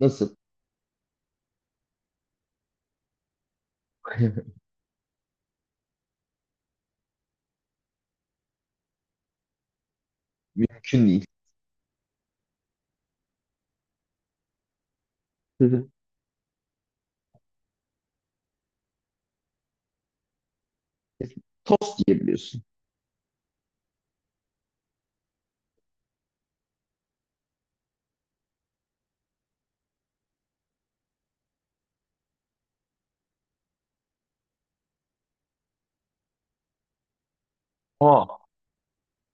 Nasıl? Mümkün değil. Tost diyebiliyorsun. Aa,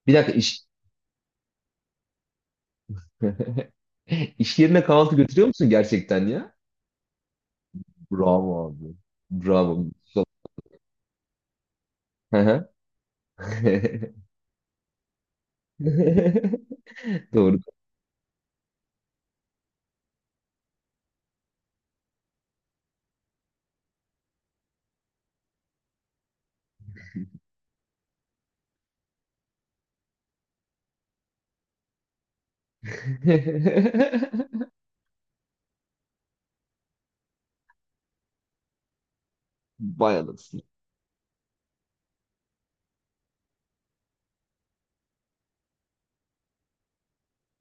bir dakika iş... İş yerine kahvaltı götürüyor musun gerçekten ya? Bravo abi. Bravo. Hı hı. Doğru. Vay anasını.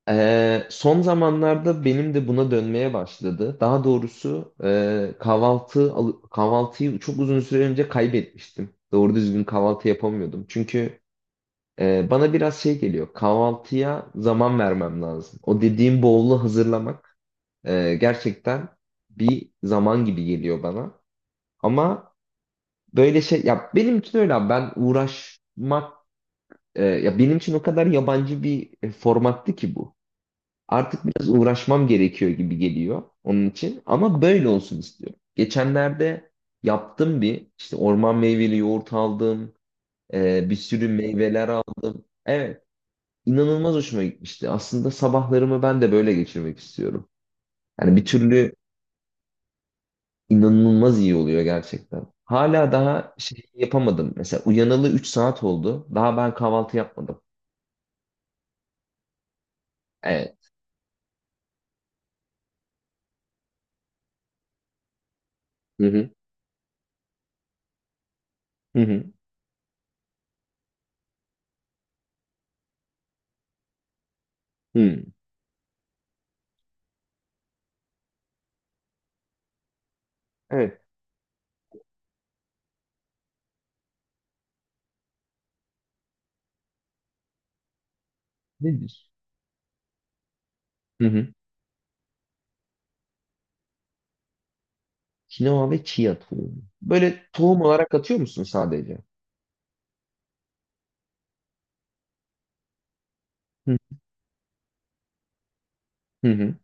Son zamanlarda benim de buna dönmeye başladı. Daha doğrusu kahvaltıyı çok uzun süre önce kaybetmiştim. Doğru düzgün kahvaltı yapamıyordum. Çünkü... Bana biraz şey geliyor. Kahvaltıya zaman vermem lazım. O dediğim bowl'u hazırlamak gerçekten bir zaman gibi geliyor bana. Ama böyle şey ya benim için öyle abi. Ben uğraşmak... Ya benim için o kadar yabancı bir formattı ki bu. Artık biraz uğraşmam gerekiyor gibi geliyor onun için. Ama böyle olsun istiyorum. Geçenlerde yaptım bir işte, orman meyveli yoğurt aldım. Bir sürü meyveler aldım. Evet. inanılmaz hoşuma gitmişti. Aslında sabahlarımı ben de böyle geçirmek istiyorum. Yani bir türlü... inanılmaz iyi oluyor gerçekten. Hala daha şey yapamadım. Mesela uyanalı 3 saat oldu. Daha ben kahvaltı yapmadım. Evet. Hı hı. Hı hı. Hı. Evet. Nedir? Hı hı. Kinoa ve chia tohumu. Böyle tohum olarak atıyor musun sadece? Hı hı. Hı.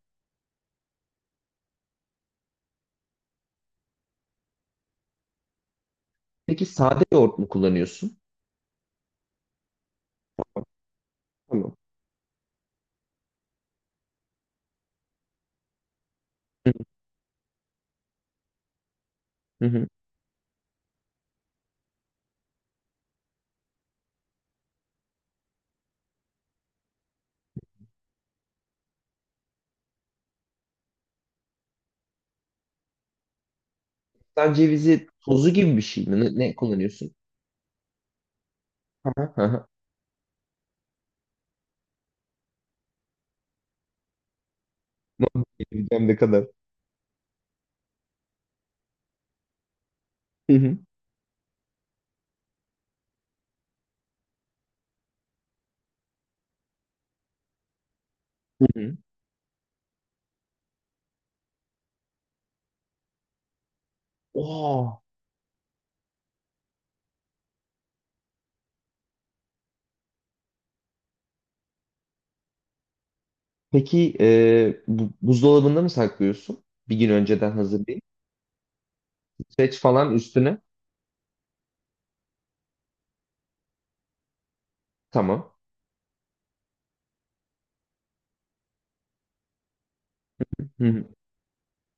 Peki sade yoğurt mu kullanıyorsun? Tamam. Hı hı. Hı. Sen cevizi tozu gibi bir şey mi? Ne kullanıyorsun? Hı hı. Hı hı. Ne oldu? Bilmem ne kadar. Hı hı. Oo. Peki buzdolabında mı saklıyorsun? Bir gün önceden hazırlayıp. Seç falan üstüne. Tamam. Hı hı.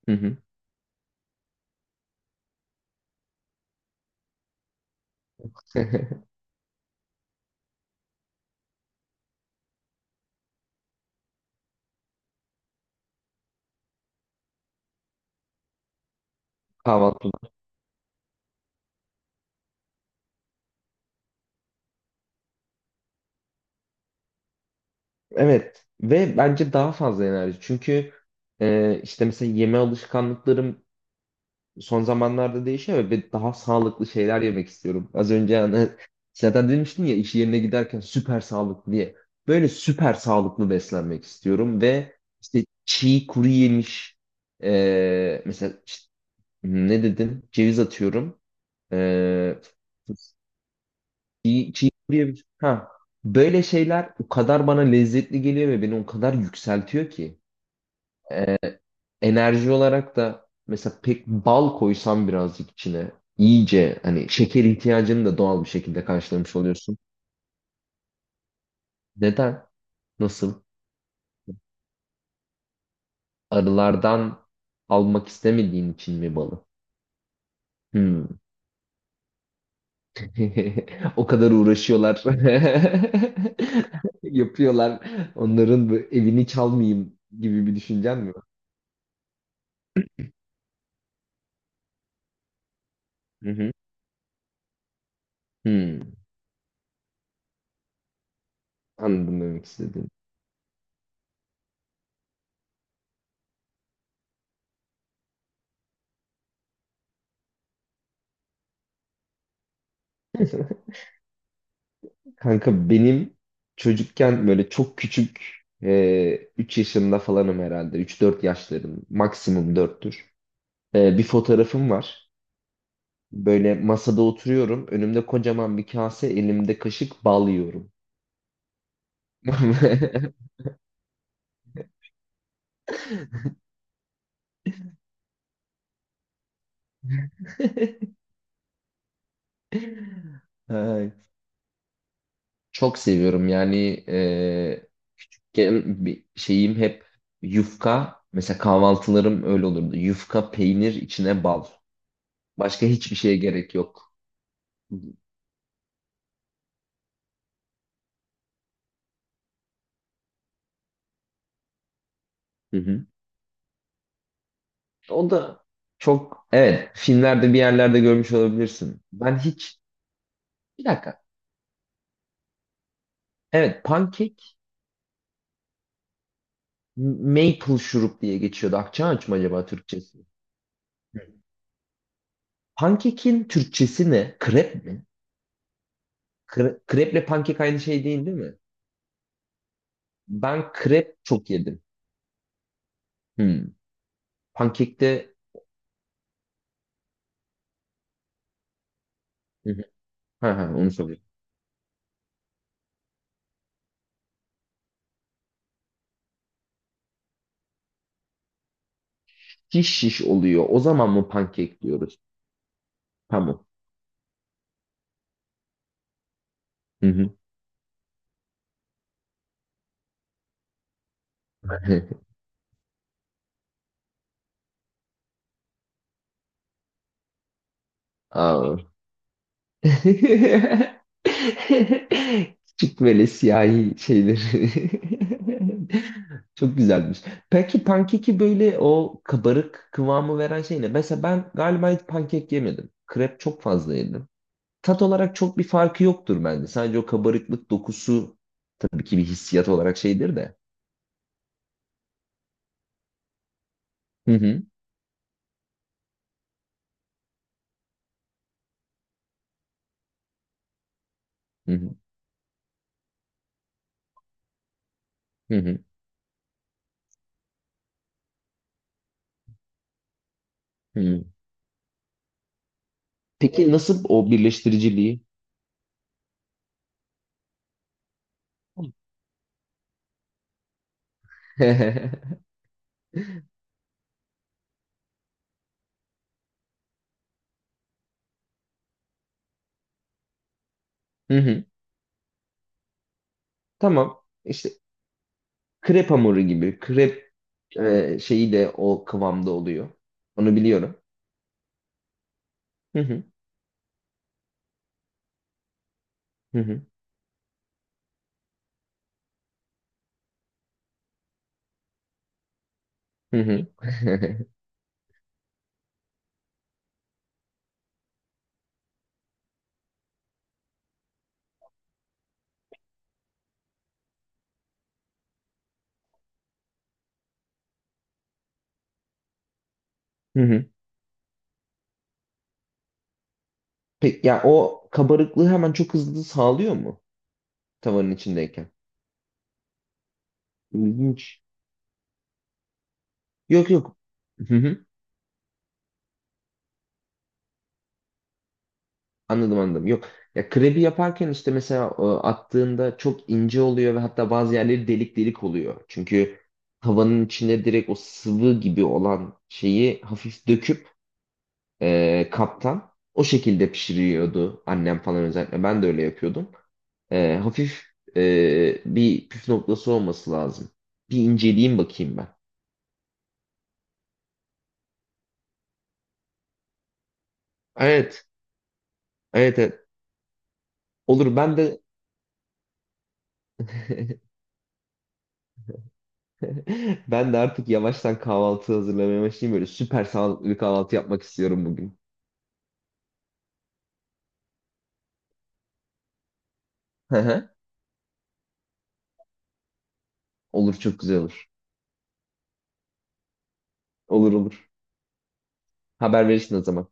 Hı hı. Kahvaltı. Evet. Ve bence daha fazla enerji. Çünkü işte mesela yeme alışkanlıklarım son zamanlarda değişiyor ve daha sağlıklı şeyler yemek istiyorum. Az önce hani zaten demiştin ya, iş yerine giderken süper sağlıklı diye. Böyle süper sağlıklı beslenmek istiyorum ve işte çiğ kuru yemiş. Mesela işte, ne dedim? Ceviz atıyorum. Eee çiğ kuru yemiş. Ha, böyle şeyler o kadar bana lezzetli geliyor ve beni o kadar yükseltiyor ki. Enerji olarak da mesela pek bal koysan birazcık içine, iyice hani şeker ihtiyacını da doğal bir şekilde karşılamış oluyorsun. Neden? Nasıl? Arılardan almak istemediğin için mi balı? Hmm. O kadar uğraşıyorlar. Yapıyorlar. Onların bu evini çalmayayım gibi bir düşüncen mi var? Hı hı. Hmm. Anladım demek istediğini. Kanka benim çocukken böyle çok küçük, 3 yaşında falanım herhalde. 3-4 yaşlarım. Maksimum dörttür. Bir fotoğrafım var. Böyle masada oturuyorum. Önümde kocaman bir kase, elimde kaşık bal yiyorum. Ay, çok seviyorum yani. Küçükken bir şeyim hep yufka. Mesela kahvaltılarım öyle olurdu. Yufka, peynir, içine bal. Başka hiçbir şeye gerek yok. Hı hı. O da çok, evet, filmlerde bir yerlerde görmüş olabilirsin. Ben hiç... Bir dakika. Evet, pankek maple şurup diye geçiyordu. Akçaaç mı acaba Türkçesi? Hı. Pankekin Türkçesi ne? Krep mi? Kreple pankek aynı şey değil, değil mi? Ben krep çok yedim. Hmm. Pankekte... Hı hı. Ha, ha, onu soruyorum. Şiş şiş oluyor. O zaman mı pankek diyoruz? Tamam. Hı hı. Aa, küçük böyle siyahi şeyleri. Çok güzelmiş. Peki pankeki böyle o kabarık kıvamı veren şey ne? Mesela ben galiba hiç pankek yemedim. Krep çok fazla yedim. Tat olarak çok bir farkı yoktur bence. Sadece o kabarıklık dokusu tabii ki bir hissiyat olarak şeydir de. Hı hı. Hı hı. Hı hı. Hı. Peki nasıl o birleştiriciliği? Hı hı. Tamam. İşte krep hamuru gibi, krep şeyi de o kıvamda oluyor. Onu biliyorum. Hı hı hı hı hı hı. Hı hı. Peki ya o kabarıklığı hemen çok hızlı sağlıyor mu tavanın içindeyken? İlginç. Yok yok. Hı hı. Anladım anladım. Yok. Ya krebi yaparken işte mesela attığında çok ince oluyor ve hatta bazı yerleri delik delik oluyor. Çünkü tavanın içine direkt o sıvı gibi olan şeyi hafif döküp kaptan o şekilde pişiriyordu annem falan özellikle. Ben de öyle yapıyordum. Hafif bir püf noktası olması lazım. Bir inceleyeyim bakayım ben. Evet, evet, evet. Olur, ben de... Ben de artık yavaştan kahvaltı hazırlamaya başlayayım. Böyle süper sağlıklı bir kahvaltı yapmak istiyorum bugün. Hı hı. Olur, çok güzel olur. Olur olur. Haber verirsin o zaman.